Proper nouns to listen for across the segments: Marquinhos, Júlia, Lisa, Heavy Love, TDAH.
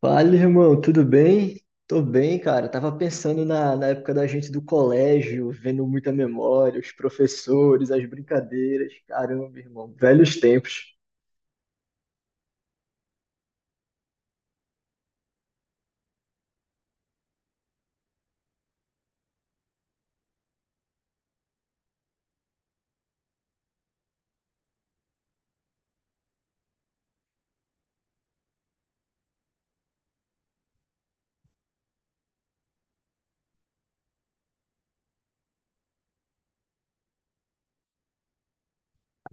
Fala, irmão, tudo bem? Tô bem, cara. Tava pensando na época da gente do colégio, vendo muita memória, os professores, as brincadeiras. Caramba, irmão, velhos tempos.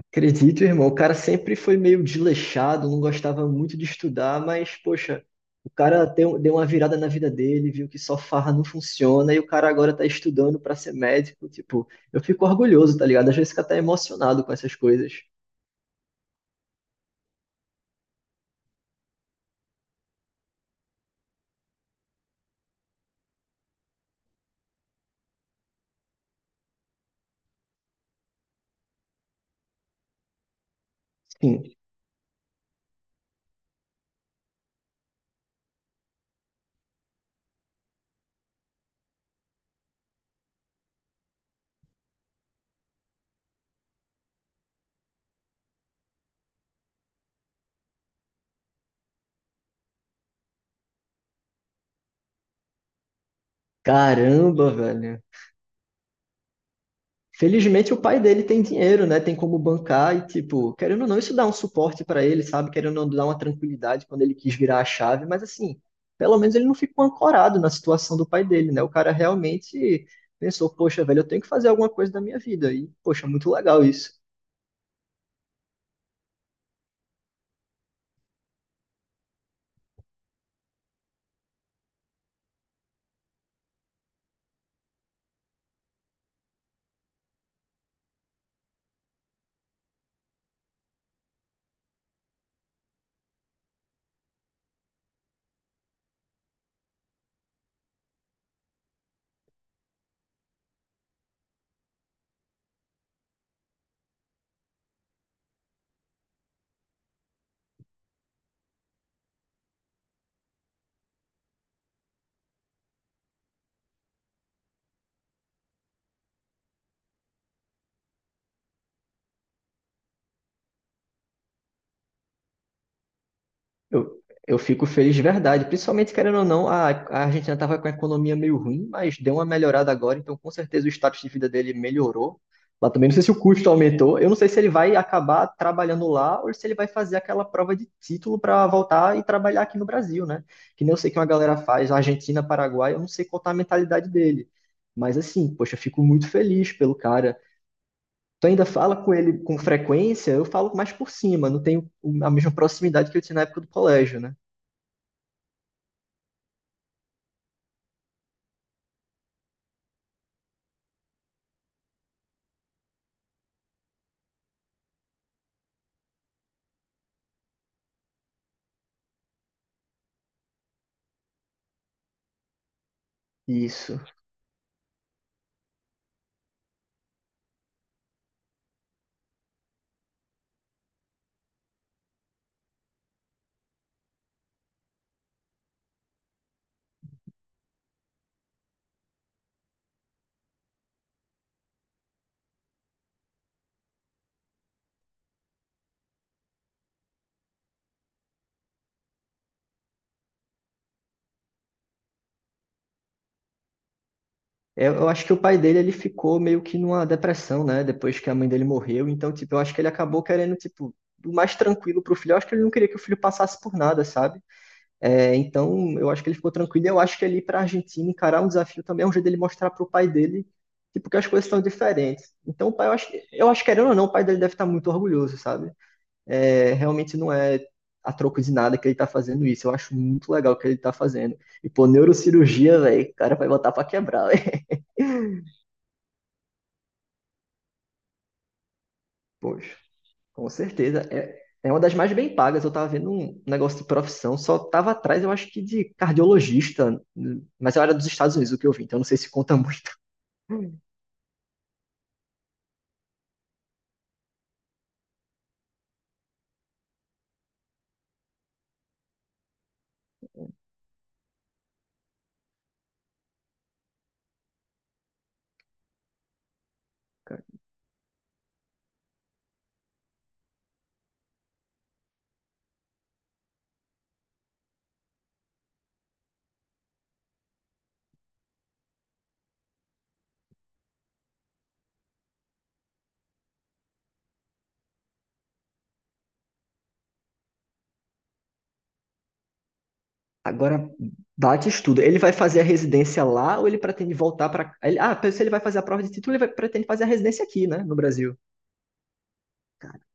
Acredito, irmão, o cara sempre foi meio desleixado, não gostava muito de estudar, mas, poxa, o cara deu uma virada na vida dele, viu que só farra não funciona e o cara agora tá estudando pra ser médico. Tipo, eu fico orgulhoso, tá ligado? Às vezes fica até emocionado com essas coisas. Sim. Caramba, velho. Felizmente o pai dele tem dinheiro, né? Tem como bancar e, tipo, querendo ou não, isso dá um suporte pra ele, sabe? Querendo ou não, dá uma tranquilidade quando ele quis virar a chave, mas assim, pelo menos ele não ficou ancorado na situação do pai dele, né? O cara realmente pensou, poxa, velho, eu tenho que fazer alguma coisa da minha vida. E, poxa, muito legal isso. Eu fico feliz de verdade, principalmente querendo ou não, a Argentina estava com a economia meio ruim, mas deu uma melhorada agora, então com certeza o status de vida dele melhorou. Lá também não sei se o custo aumentou, eu não sei se ele vai acabar trabalhando lá ou se ele vai fazer aquela prova de título para voltar e trabalhar aqui no Brasil, né? Que nem eu sei que uma galera faz, Argentina, Paraguai, eu não sei qual tá a mentalidade dele. Mas assim, poxa, eu fico muito feliz pelo cara. Tu ainda fala com ele com frequência, eu falo mais por cima, não tenho a mesma proximidade que eu tinha na época do colégio, né? Isso. Eu acho que o pai dele ele ficou meio que numa depressão, né? Depois que a mãe dele morreu. Então, tipo, eu acho que ele acabou querendo, tipo, o mais tranquilo pro filho. Eu acho que ele não queria que o filho passasse por nada, sabe? É, então, eu acho que ele ficou tranquilo. E eu acho que ele ir pra Argentina encarar um desafio também é um jeito dele mostrar pro pai dele, tipo, que as coisas são diferentes. Então, o pai, eu acho que, querendo ou não, o pai dele deve estar muito orgulhoso, sabe? É, realmente não é a troco de nada que ele tá fazendo isso. Eu acho muito legal o que ele tá fazendo. E, pô, neurocirurgia, velho, o cara vai botar pra quebrar. Poxa, com certeza. é uma das mais bem pagas. Eu tava vendo um negócio de profissão, só tava atrás, eu acho que de cardiologista, mas eu era dos Estados Unidos o que eu vi, então não sei se conta muito. Agora bate estudo. Ele vai fazer a residência lá ou ele pretende voltar para. Ah, se ele vai fazer a prova de título, ele vai, pretende fazer a residência aqui, né, no Brasil. Cara-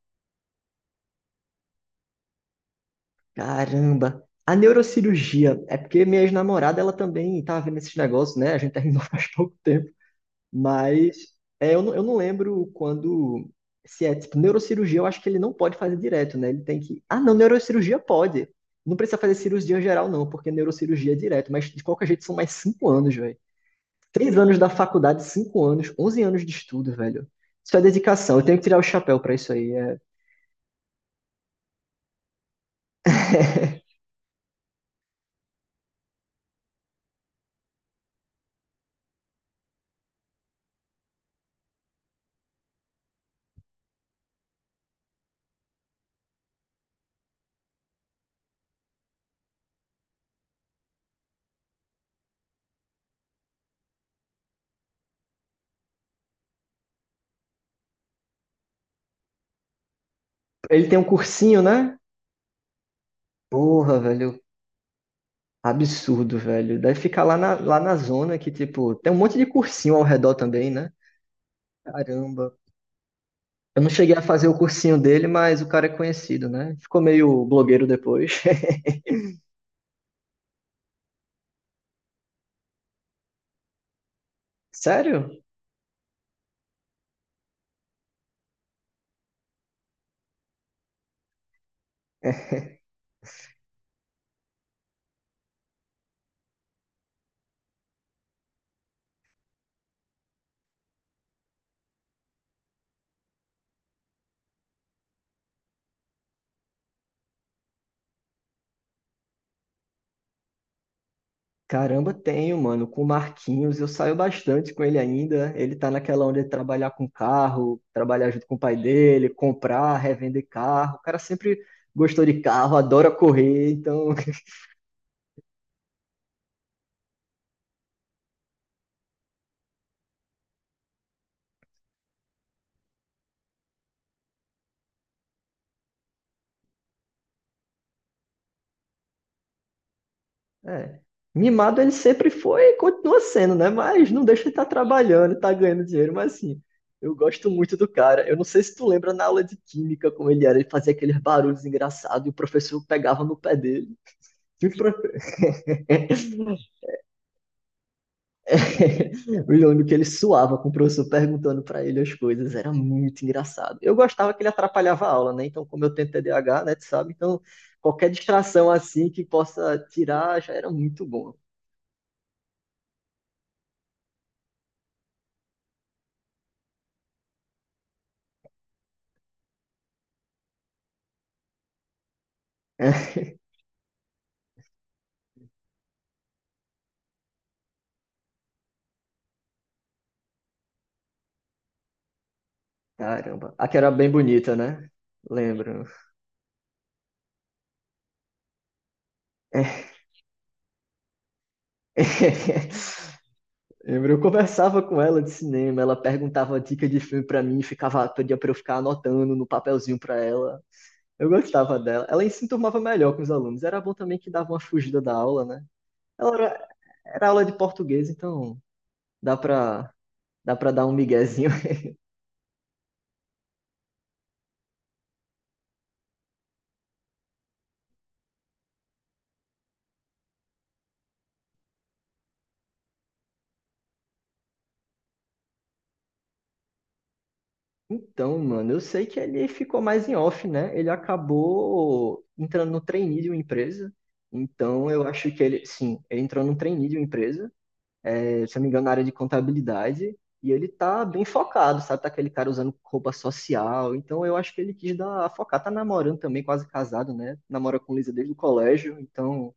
Caramba! A neurocirurgia, é porque minha ex-namorada, ela também tava vendo esses negócios, né? A gente terminou faz pouco tempo. Mas é, não, eu não lembro quando. Se é tipo neurocirurgia, eu acho que ele não pode fazer direto, né? Ele tem que. Ah, não, neurocirurgia pode. Não precisa fazer cirurgia geral, não, porque neurocirurgia é direto. Mas de qualquer jeito são mais 5 anos, velho. 3 anos da faculdade, 5 anos, 11 anos de estudo, velho. Isso é dedicação. Eu tenho que tirar o chapéu pra isso aí. É. Ele tem um cursinho, né? Porra, velho. Absurdo, velho. Deve ficar lá na zona que, tipo, tem um monte de cursinho ao redor também, né? Caramba. Eu não cheguei a fazer o cursinho dele, mas o cara é conhecido, né? Ficou meio blogueiro depois. Sério? Caramba, tenho, mano. Com o Marquinhos, eu saio bastante com ele ainda. Ele tá naquela onda de trabalhar com carro, trabalhar junto com o pai dele, comprar, revender carro. O cara sempre gostou de carro, adora correr, então é. Mimado ele sempre foi e continua sendo, né? Mas não deixa de estar trabalhando, tá ganhando dinheiro, mas assim, eu gosto muito do cara. Eu não sei se tu lembra na aula de química como ele era, ele fazia aqueles barulhos engraçados e o professor pegava no pé dele. E o profe- Eu lembro que ele suava com o professor perguntando pra ele as coisas, era muito engraçado. Eu gostava que ele atrapalhava a aula, né? Então, como eu tenho TDAH, né, tu sabe? Então, qualquer distração assim que possa tirar já era muito bom. Caramba. A era bem bonita, né? Lembro. Lembro, eu conversava com ela de cinema, ela perguntava dica de filme pra mim, ficava, pedia pra eu ficar anotando no papelzinho pra ela. Eu gostava dela. Ela se enturmava melhor com os alunos. Era bom também que dava uma fugida da aula, né? Ela era, era aula de português, então dá pra, dá pra dar um miguezinho. Então, mano, eu sei que ele ficou mais em off, né? Ele acabou entrando no trainee de uma empresa. Então, eu acho que ele, sim, ele entrou no trainee de uma empresa, se eu não me engano, na área de contabilidade, e ele tá bem focado, sabe? Tá aquele cara usando roupa social. Então, eu acho que ele quis dar a focar. Tá namorando também, quase casado, né? Namora com Lisa desde o colégio. Então,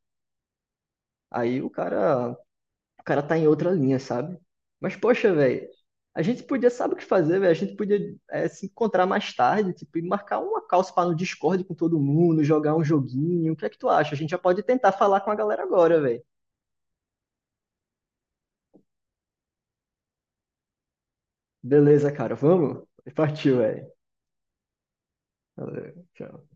aí o cara tá em outra linha, sabe? Mas, poxa, velho, a gente podia, sabe o que fazer, velho? A gente podia se encontrar mais tarde, tipo, e marcar uma calça para no Discord com todo mundo, jogar um joguinho. O que é que tu acha? A gente já pode tentar falar com a galera agora, velho. Beleza, cara, vamos? Partiu, velho. Valeu, tchau.